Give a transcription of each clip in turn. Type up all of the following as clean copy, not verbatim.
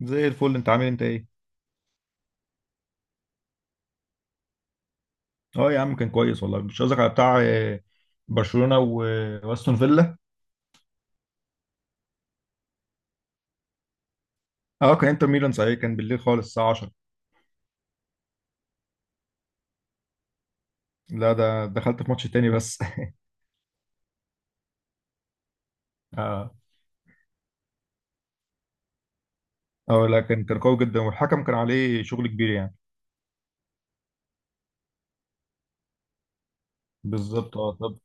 زي الفل، انت عامل، انت ايه؟ اه يا عم كان كويس والله. مش قصدك على بتاع برشلونة واستون فيلا. اه كان انتر ميلان صحيح، كان بالليل خالص الساعة 10. لا، ده دخلت في ماتش تاني بس. اه. اه لا، كان قوي جدا، والحكم كان عليه شغل كبير يعني. بالظبط اه. طب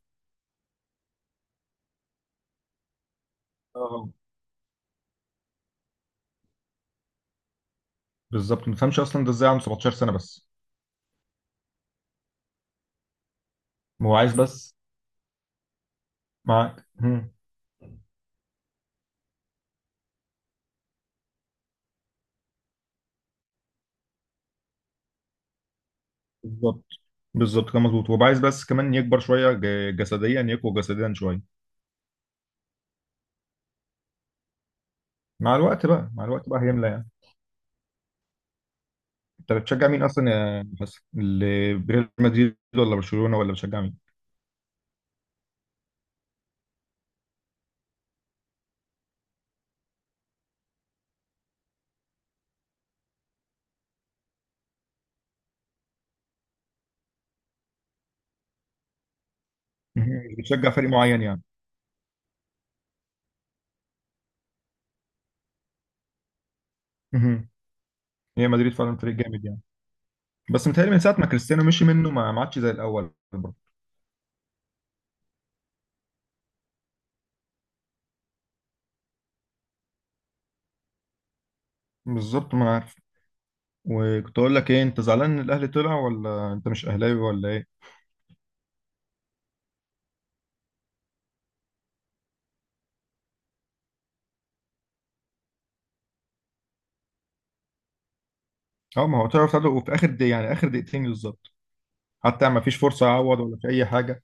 اه، بالظبط. ما تفهمش اصلا ده ازاي عنده 17 سنة بس. هو عايز بس، معاك. مم. بالظبط، بالظبط. كان مظبوط، وهو عايز بس كمان يكبر شوية جسديا، يقوى جسديا شوية. مع الوقت بقى، مع الوقت بقى هيملى يعني. انت بتشجع مين اصلا يا حسن؟ ريال مدريد ولا برشلونة، ولا بتشجع مين؟ مهم. مش بتشجع فريق معين يعني. مهم. هي مدريد فعلا فريق جامد يعني، بس متهيألي من ساعة ما كريستيانو مشي منه ما عادش زي الاول برضه. بالظبط، ما عارف. وكنت اقول لك ايه، انت زعلان ان الاهلي طلع، ولا انت مش اهلاوي ولا ايه؟ اه، ما هو طلع تعادل وفي اخر دقيقة، يعني اخر دقيقتين بالظبط. حتى ما فيش فرصة يعوض ولا في اي حاجة.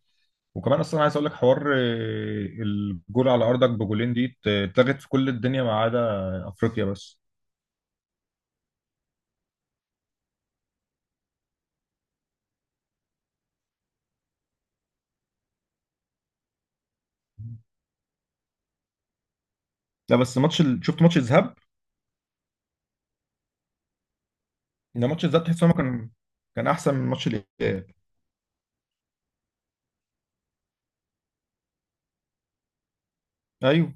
وكمان اصلا عايز اقول لك حوار، الجول على ارضك بجولين دي اتلغت في كل الدنيا ما عدا افريقيا بس. لا بس ماتش شفت ماتش الذهاب. ده ماتش الذهاب تحس إن هو كان، كان احسن من ماتش الاياب. ايوه.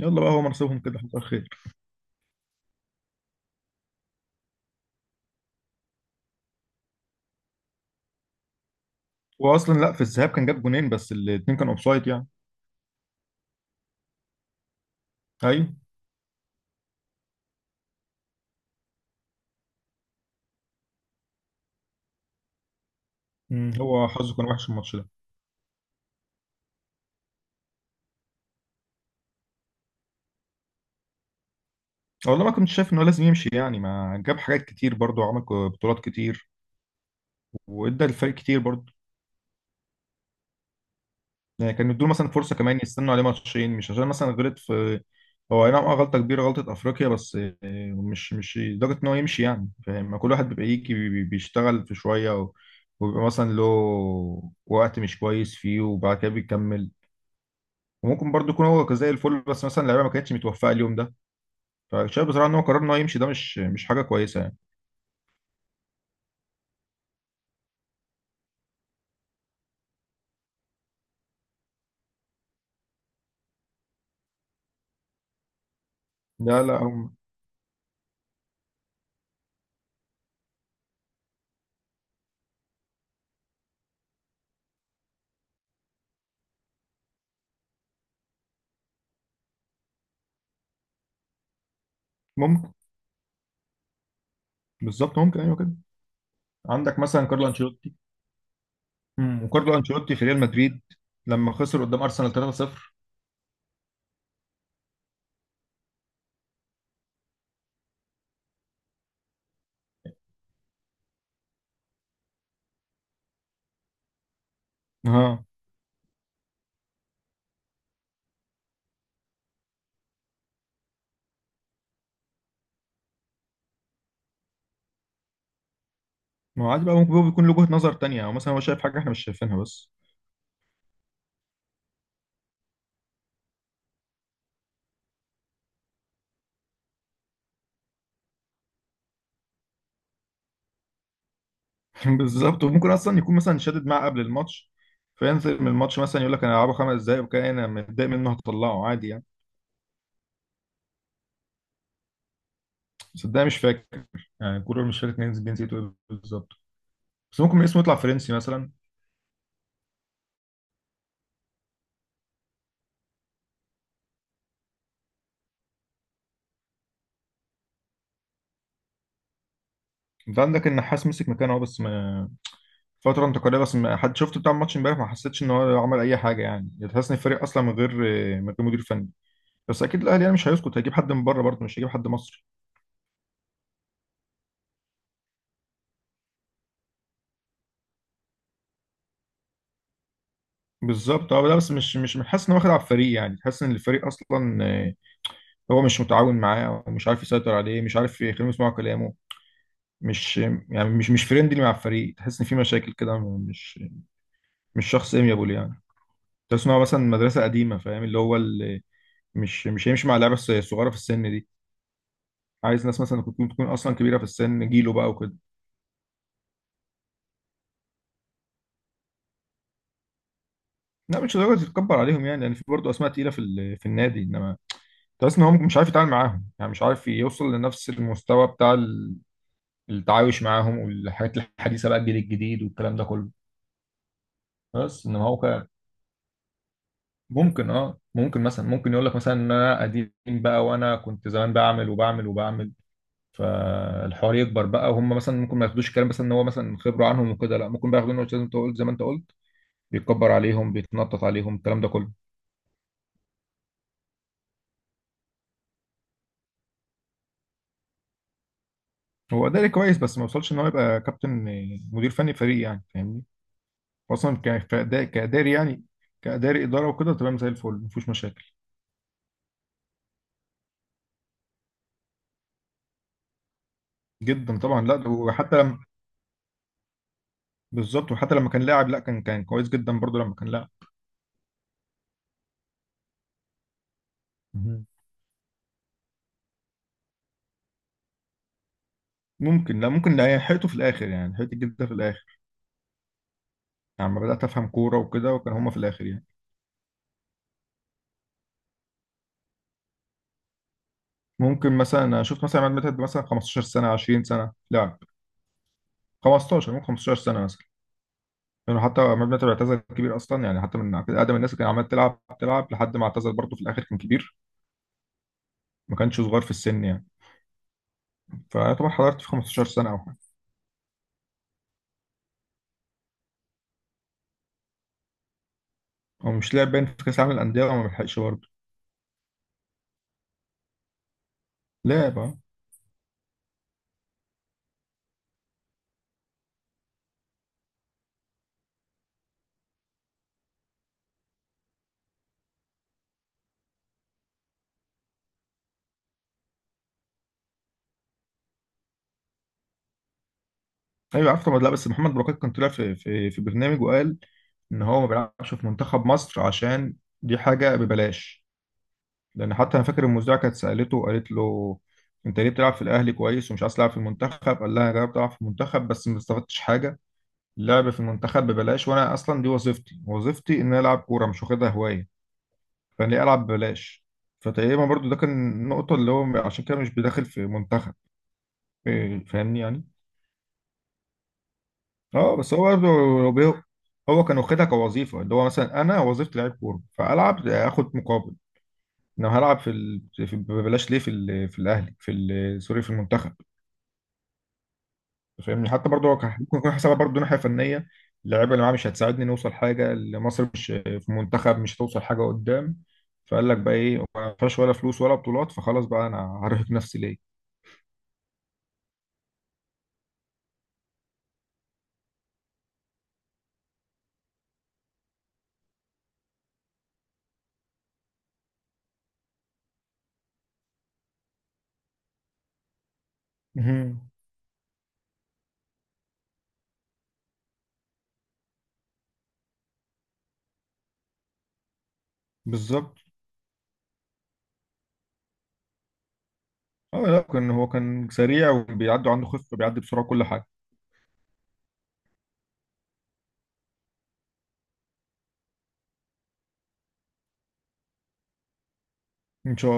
يلا بقى، هو نصيبهم كده، حصل خير. هو اصلا لا، في الذهاب كان جاب جونين بس الاثنين كانوا اوفسايد يعني. ايوه. مم. هو حظه كان وحش الماتش ده. والله ما كنت شايف ان هو لازم يمشي يعني، ما جاب حاجات كتير برضه، وعمل بطولات كتير، وادى الفريق كتير برضه. يعني كان يدوا مثلا فرصه كمان، يستنوا عليه ماتشين، مش عشان مثلا غلط في، هو اي نعم آه، غلطه كبيره، غلطه افريقيا، بس مش لدرجه ان هو يمشي يعني، فاهم؟ ما كل واحد بيبقى يجي بيشتغل في شويه، وبيبقى مثلا له وقت مش كويس فيه، وبعد كده بيكمل. وممكن برضه يكون هو كان زي الفل، بس مثلا اللعيبه ما كانتش متوفقه اليوم ده. فشايف بصراحه ان هو قرار ان هو يمشي ده مش حاجه كويسه يعني. لا لا، ممكن. بالظبط، ممكن ايوه كده. عندك مثلا كارلو انشيلوتي. مم، وكارلو انشيلوتي في ريال مدريد لما خسر قدام ارسنال 3-0. ها. ما هو عادي بقى، ممكن هو بيكون له وجهة نظر تانية، او مثلا هو شايف حاجة احنا مش شايفينها بس. بالظبط. وممكن اصلا يكون مثلا شادد معاه قبل الماتش، فينزل من الماتش مثلا يقول لك انا هلعبه خمس دقايق، وكان انا متضايق منه هطلعه عادي يعني. بس ده مش فاكر يعني الكورة، مش فاكر كان جنسيته ايه بالظبط، بس ممكن اسمه يطلع فرنسي مثلا. انت عندك النحاس مسك مكانه اهو، بس ما، فترة انتقالية بس. ما حد شفت بتاع الماتش امبارح، ما حسيتش ان هو عمل اي حاجة يعني، يعني تحس ان الفريق اصلا من غير، من غير مدير فني. بس اكيد الاهلي يعني مش هيسكت، هيجيب حد من بره برضه، مش هيجيب حد مصري. بالظبط اه. لا بس مش حاسس ان هو واخد على الفريق يعني، حاسس ان الفريق اصلا، هو مش متعاون معاه، ومش عارف يسيطر عليه، مش عارف يخليهم يسمعوا كلامه، مش يعني، مش فريندلي مع الفريق، تحس ان في مشاكل كده، مش مش شخص اميابول يعني. تحس ان هو مثلا مدرسه قديمه، فاهم اللي هو اللي، مش هيمشي مع اللعيبه الصغيره في السن دي. عايز ناس مثلا تكون اصلا كبيره في السن، جيله بقى وكده. لا مش لدرجه تتكبر عليهم يعني، يعني في برضه اسماء تقيله في في النادي، انما تحس ان هو مش عارف يتعامل معاهم يعني، مش عارف يوصل لنفس المستوى بتاع التعايش معاهم، والحاجات الحديثه بقى، الجيل الجديد والكلام ده كله. بس انما هو كان، ممكن اه ممكن مثلا، ممكن يقول لك مثلا ان انا قديم بقى، وانا كنت زمان بعمل وبعمل وبعمل. فالحوار يكبر بقى، وهم مثلا ممكن ما ياخدوش الكلام مثلا ان هو مثلا خبره عنهم وكده، لا ممكن بقى ياخدوا انه لازم تقول زي ما انت قلت، بيتكبر عليهم، بيتنطط عليهم، الكلام ده كله. هو ده كويس، بس ما وصلش ان هو يبقى كابتن، مدير فني فريق يعني، فاهمني؟ هو اصلا كاداري يعني، كاداري، اداره وكده تمام زي الفل، مفيش مشاكل. جدا طبعا، لا وحتى لما، بالظبط، وحتى لما كان لاعب، لا كان، كان كويس جدا برضه لما كان لاعب. مهم. ممكن، لا ممكن، لا حيته في الاخر يعني، حيته جدا في الاخر. يعني لما بدات افهم كوره وكده، وكان هما في الاخر يعني. ممكن مثلا شفت مثلا عماد متعب مثلا 15 سنه، 20 سنه لاعب. 15 ممكن، 15 سنه مثلا. لانه حتى عماد متعب اعتزل كبير اصلا يعني، حتى من اقدم الناس اللي كان عمال تلعب تلعب لحد ما اعتزل، برضه في الاخر كان كبير، ما كانش صغير في السن يعني. فيعتبر حضرت في 15 سنه او حاجه. هو مش لاعب باين في كاس العالم للانديه، وما بيلحقش برضه. لاعب آه. ايوه عارف طبعا. لا بس محمد بركات كان طلع في في برنامج، وقال ان هو ما بيلعبش في منتخب مصر عشان دي حاجه ببلاش. لان حتى انا فاكر المذيعه كانت سالته وقالت له: انت ليه بتلعب في الاهلي كويس ومش عايز تلعب في المنتخب؟ قال لها: انا جربت العب في المنتخب بس ما استفدتش حاجه، اللعب في المنتخب ببلاش، وانا اصلا دي وظيفتي، وظيفتي ان انا العب كوره، مش واخدها هوايه، فانا ليه العب ببلاش؟ فتقريبا برضو ده كان النقطه اللي هو عشان كده مش بداخل في منتخب. إيه، فاهمني يعني؟ اه بس هو برضه، لو هو كان واخدها كوظيفه، اللي هو مثلا انا وظيفتي لعيب كوره، فالعب اخد مقابل، انا هلعب في, ال... في ببلاش ليه في في الاهلي في سوري، في المنتخب. فاهمني؟ حتى برضه هو كان ممكن يكون حسابها برضه ناحيه فنيه، اللعيبه اللي معاه مش هتساعدني نوصل حاجه، اللي مصر مش في المنتخب مش هتوصل حاجه قدام، فقال لك بقى ايه، ما فيهاش ولا فلوس ولا بطولات، فخلاص بقى انا هرهق نفسي ليه؟ مهم. بالظبط اه. لا كان هو كان سريع، وبيعدي عنده خفه، بيعدي بسرعه كل حاجه. ان شاء